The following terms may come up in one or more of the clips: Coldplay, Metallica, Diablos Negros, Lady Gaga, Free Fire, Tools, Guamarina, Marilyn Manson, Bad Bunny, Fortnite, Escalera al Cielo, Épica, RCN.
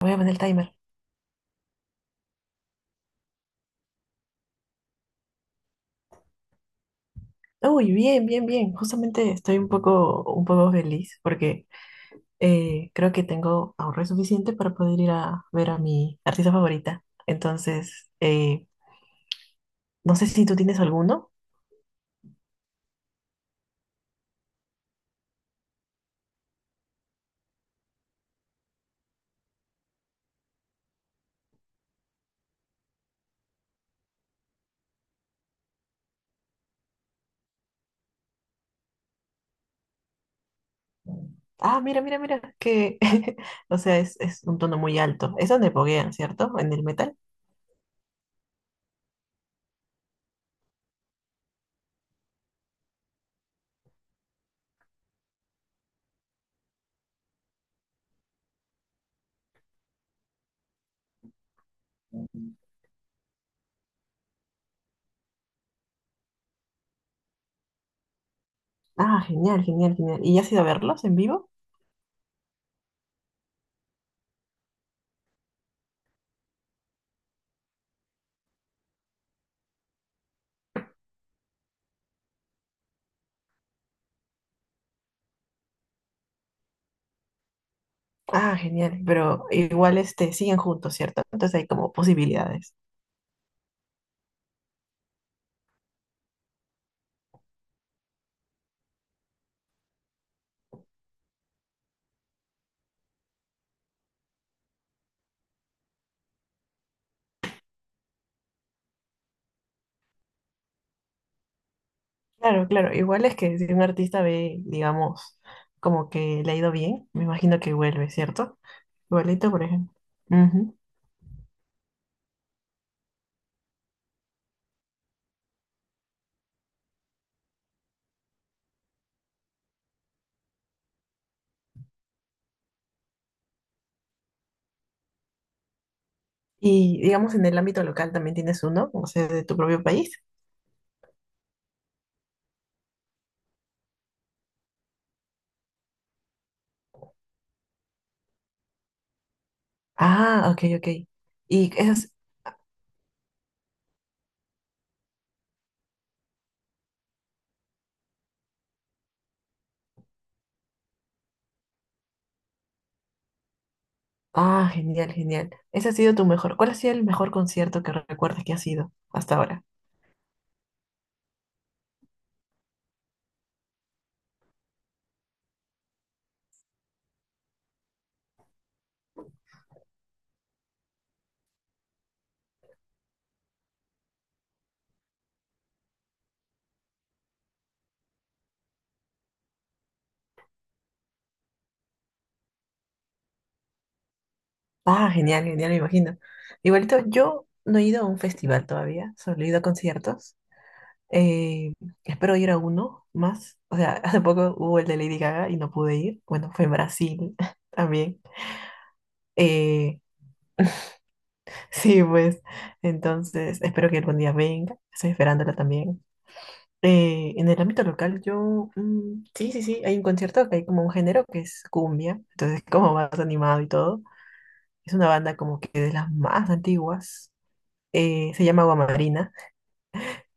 Voy a poner el timer. Uy, bien, bien, bien. Justamente estoy un poco feliz porque creo que tengo ahorro suficiente para poder ir a ver a mi artista favorita. Entonces, no sé si tú tienes alguno. Ah, mira, mira, mira, que, o sea, es un tono muy alto. Es donde poguean, ¿cierto? En el metal. Ah, genial, genial, genial. ¿Y ya has ido a verlos en vivo? Ah, genial, pero igual este, siguen juntos, ¿cierto? Entonces hay como posibilidades. Claro, claro, igual es que si un artista ve, digamos, como que le ha ido bien, me imagino que vuelve, ¿cierto? Igualito, por ejemplo. Ujú. Y digamos, en el ámbito local también tienes uno, o sea, de tu propio país. Ah, ok, ok. Y esas, ah, genial, genial. Ese ha sido tu mejor. ¿Cuál ha sido el mejor concierto que recuerdes que ha sido hasta ahora? Ah, genial, genial, me imagino. Igualito, yo no he ido a un festival todavía, solo he ido a conciertos. Eh, Espero ir a uno más. O sea, hace poco hubo el de Lady Gaga y no pude ir. Bueno, fue en Brasil también. Eh, Sí, pues, entonces espero que algún día venga, estoy esperándola también. En el ámbito local, yo, sí, sí, sí, hay un concierto que hay como un género que es cumbia, entonces como más animado y todo. Es una banda como que de las más antiguas, se llama Guamarina,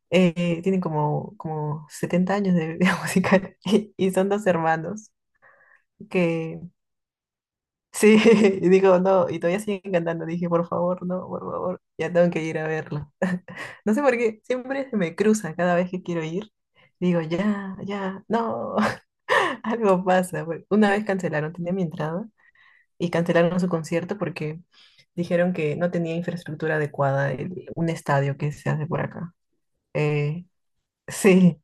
tienen como, 70 años de vida musical y, son dos hermanos que Sí, y digo, no, y todavía siguen cantando. Dije, por favor, no, por favor, ya tengo que ir a verlo. No sé por qué, siempre se me cruza cada vez que quiero ir. Digo, ya, ya, no, algo pasa, pues. Una vez cancelaron, tenía mi entrada y cancelaron su concierto porque dijeron que no tenía infraestructura adecuada, un estadio que se hace por acá. Eh, sí,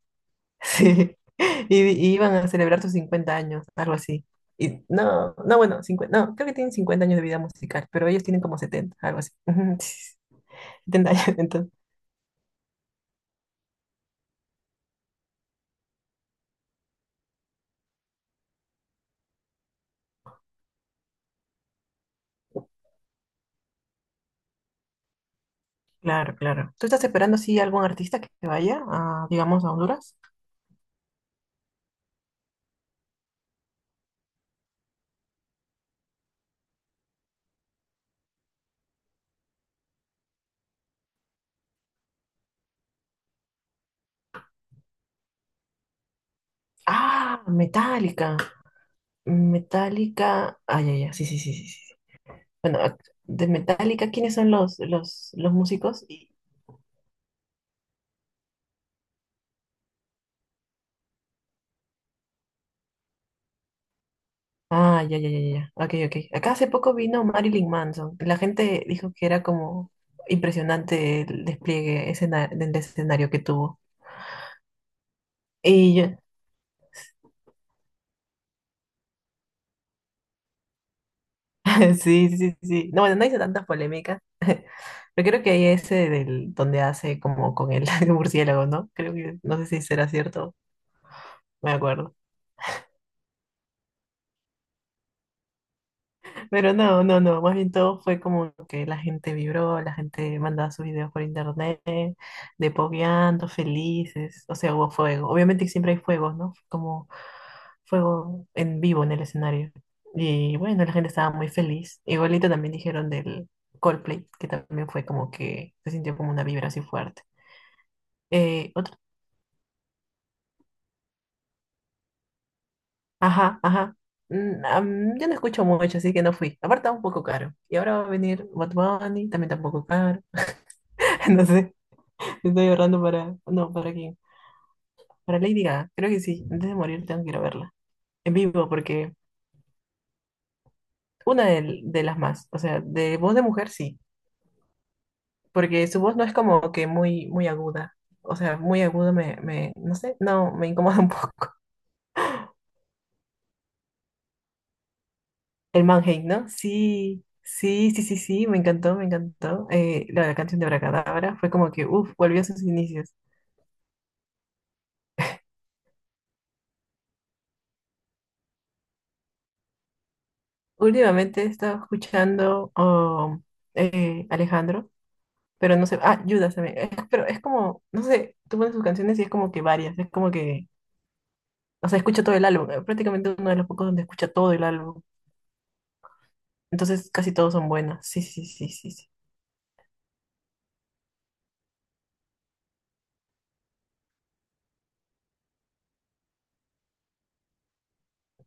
Sí, y, iban a celebrar sus 50 años, algo así. Y no, no, bueno, 50 no, creo que tienen 50 años de vida musical, pero ellos tienen como 70 algo así. Ujú, sí, 70 años, entonces. Claro, claro. ¿Tú estás esperando así algún artista que vaya a, digamos, a Honduras? Ah, Metallica. Metallica. Ay, ay, ay, sí, sí, sí, sí, sí. Bueno, de Metallica, ¿quiénes son los músicos? Ah, ya, ya, ya, ya, ya. Ok, ok. Acá hace poco vino Marilyn Manson. La gente dijo que era como impresionante el despliegue del escenario que tuvo. Y yo, sí, sí, sí, sí. No, bueno, no hice tantas polémicas, pero creo que hay ese del donde hace como con el murciélago, ¿no? Creo que, no sé si será cierto, no me acuerdo. Pero no, no, no, más bien todo fue como que la gente vibró, la gente mandaba sus videos por internet, de pogueando, felices, o sea, hubo fuego. Obviamente que siempre hay fuegos, ¿no? Como fuego en vivo en el escenario. Y bueno, la gente estaba muy feliz. Igualito también dijeron del Coldplay, que también fue como que se sintió como una vibra así fuerte. Otro, ajá, ajá. Yo no escucho mucho, así que no fui. Aparte, estaba un poco caro. Y ahora va a venir Bad Bunny, también está un poco caro. No sé. Estoy ahorrando para... No, ¿para quién? Para Lady Gaga. Creo que sí. Antes de morir tengo que ir a verla. En vivo, porque... Una de las más. O sea, de voz de mujer sí. Porque su voz no es como que muy, muy aguda. O sea, muy aguda No sé, no, me incomoda un poco. El Manhain, ¿no? Sí, sí, sí, sí, sí. Me encantó, me encantó. Canción de Abracadabra fue como que, uff, volvió a sus inicios. Últimamente he estado escuchando, oh, Alejandro. Pero no sé, ah, Judas también. Pero es como, no sé, tú pones sus canciones y es como que varias, es como que, o sea, escucha todo el álbum, prácticamente uno de los pocos donde escucha todo el álbum. Entonces casi todos son buenas. Sí, sí, sí, sí, sí.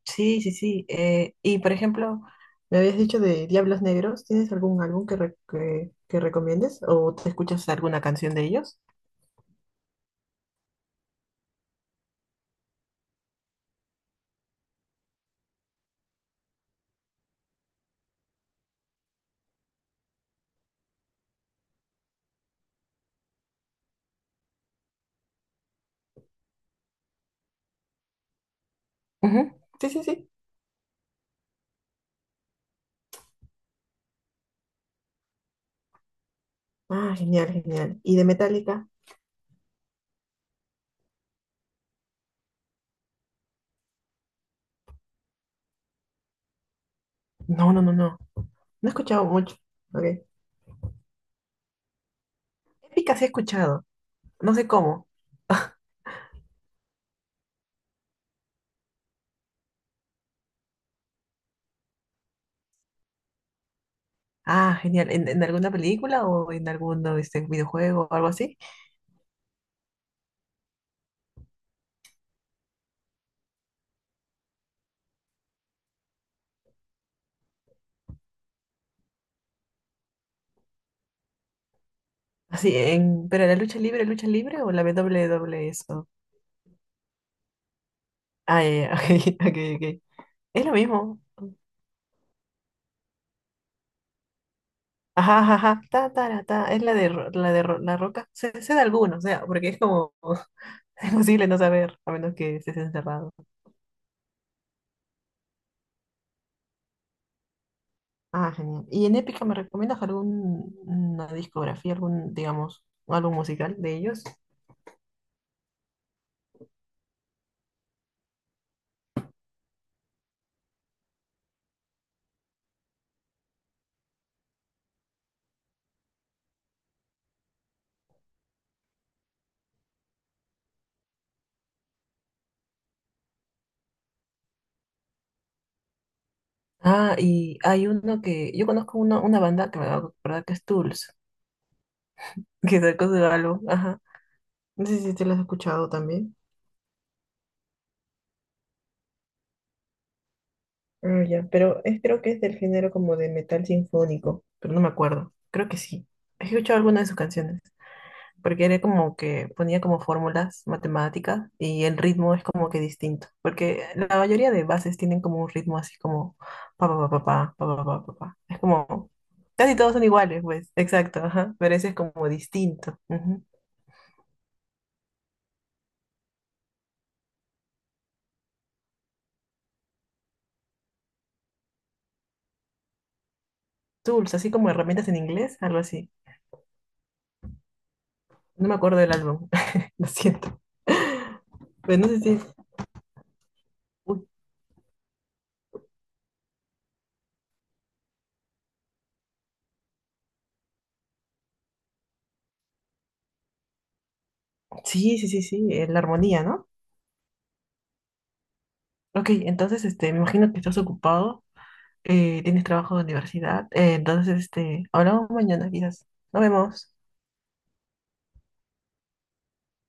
Sí, sí, sí. Y por ejemplo, me habías dicho de Diablos Negros, ¿tienes algún álbum que recomiendes o te escuchas alguna canción de ellos? Ujú. Sí, sí, sí. Ah, genial, genial. ¿Y de Metallica? No, no, no, no. No he escuchado mucho. Okay. Épica sí he escuchado. No sé cómo. Ah, genial. ¿En alguna película o en algún este, videojuego o algo así? Así, ¿pero la lucha libre o la WWE eso? Ah, ya, ya, ok, ok, ok. Es lo mismo. Ajá, ajá, ajá. Ta, ta, ra, ta. Es la roca. Sé, sé de alguno, o sea, porque es como es imposible no saber, a menos que estés encerrado. Ah, genial. ¿Y en Épica me recomiendas alguna discografía, algún, digamos, álbum musical de ellos? Ah, y hay uno que. Yo conozco una, banda que me acabo de acordar que es Tools, que sacó su álbum. Ajá. No sé si te lo has escuchado también. Ah, ya, pero creo que es del género como de metal sinfónico, pero no me acuerdo. Creo que sí. He escuchado alguna de sus canciones, porque era como que ponía como fórmulas matemáticas y el ritmo es como que distinto, porque la mayoría de bases tienen como un ritmo así como pa pa pa pa pa pa pa pa pa, pa. Es como casi todos son iguales, pues, exacto, ajá, pero ese es como distinto. Ujú. Tools, así como herramientas en inglés, algo así. No me acuerdo del álbum, lo siento. Pues no sé si, uy, Sí, sí, sí, sí, la armonía, ¿no? Ok, entonces, este, me imagino que estás ocupado, tienes trabajo de universidad, entonces, este, hablamos mañana quizás. Nos vemos.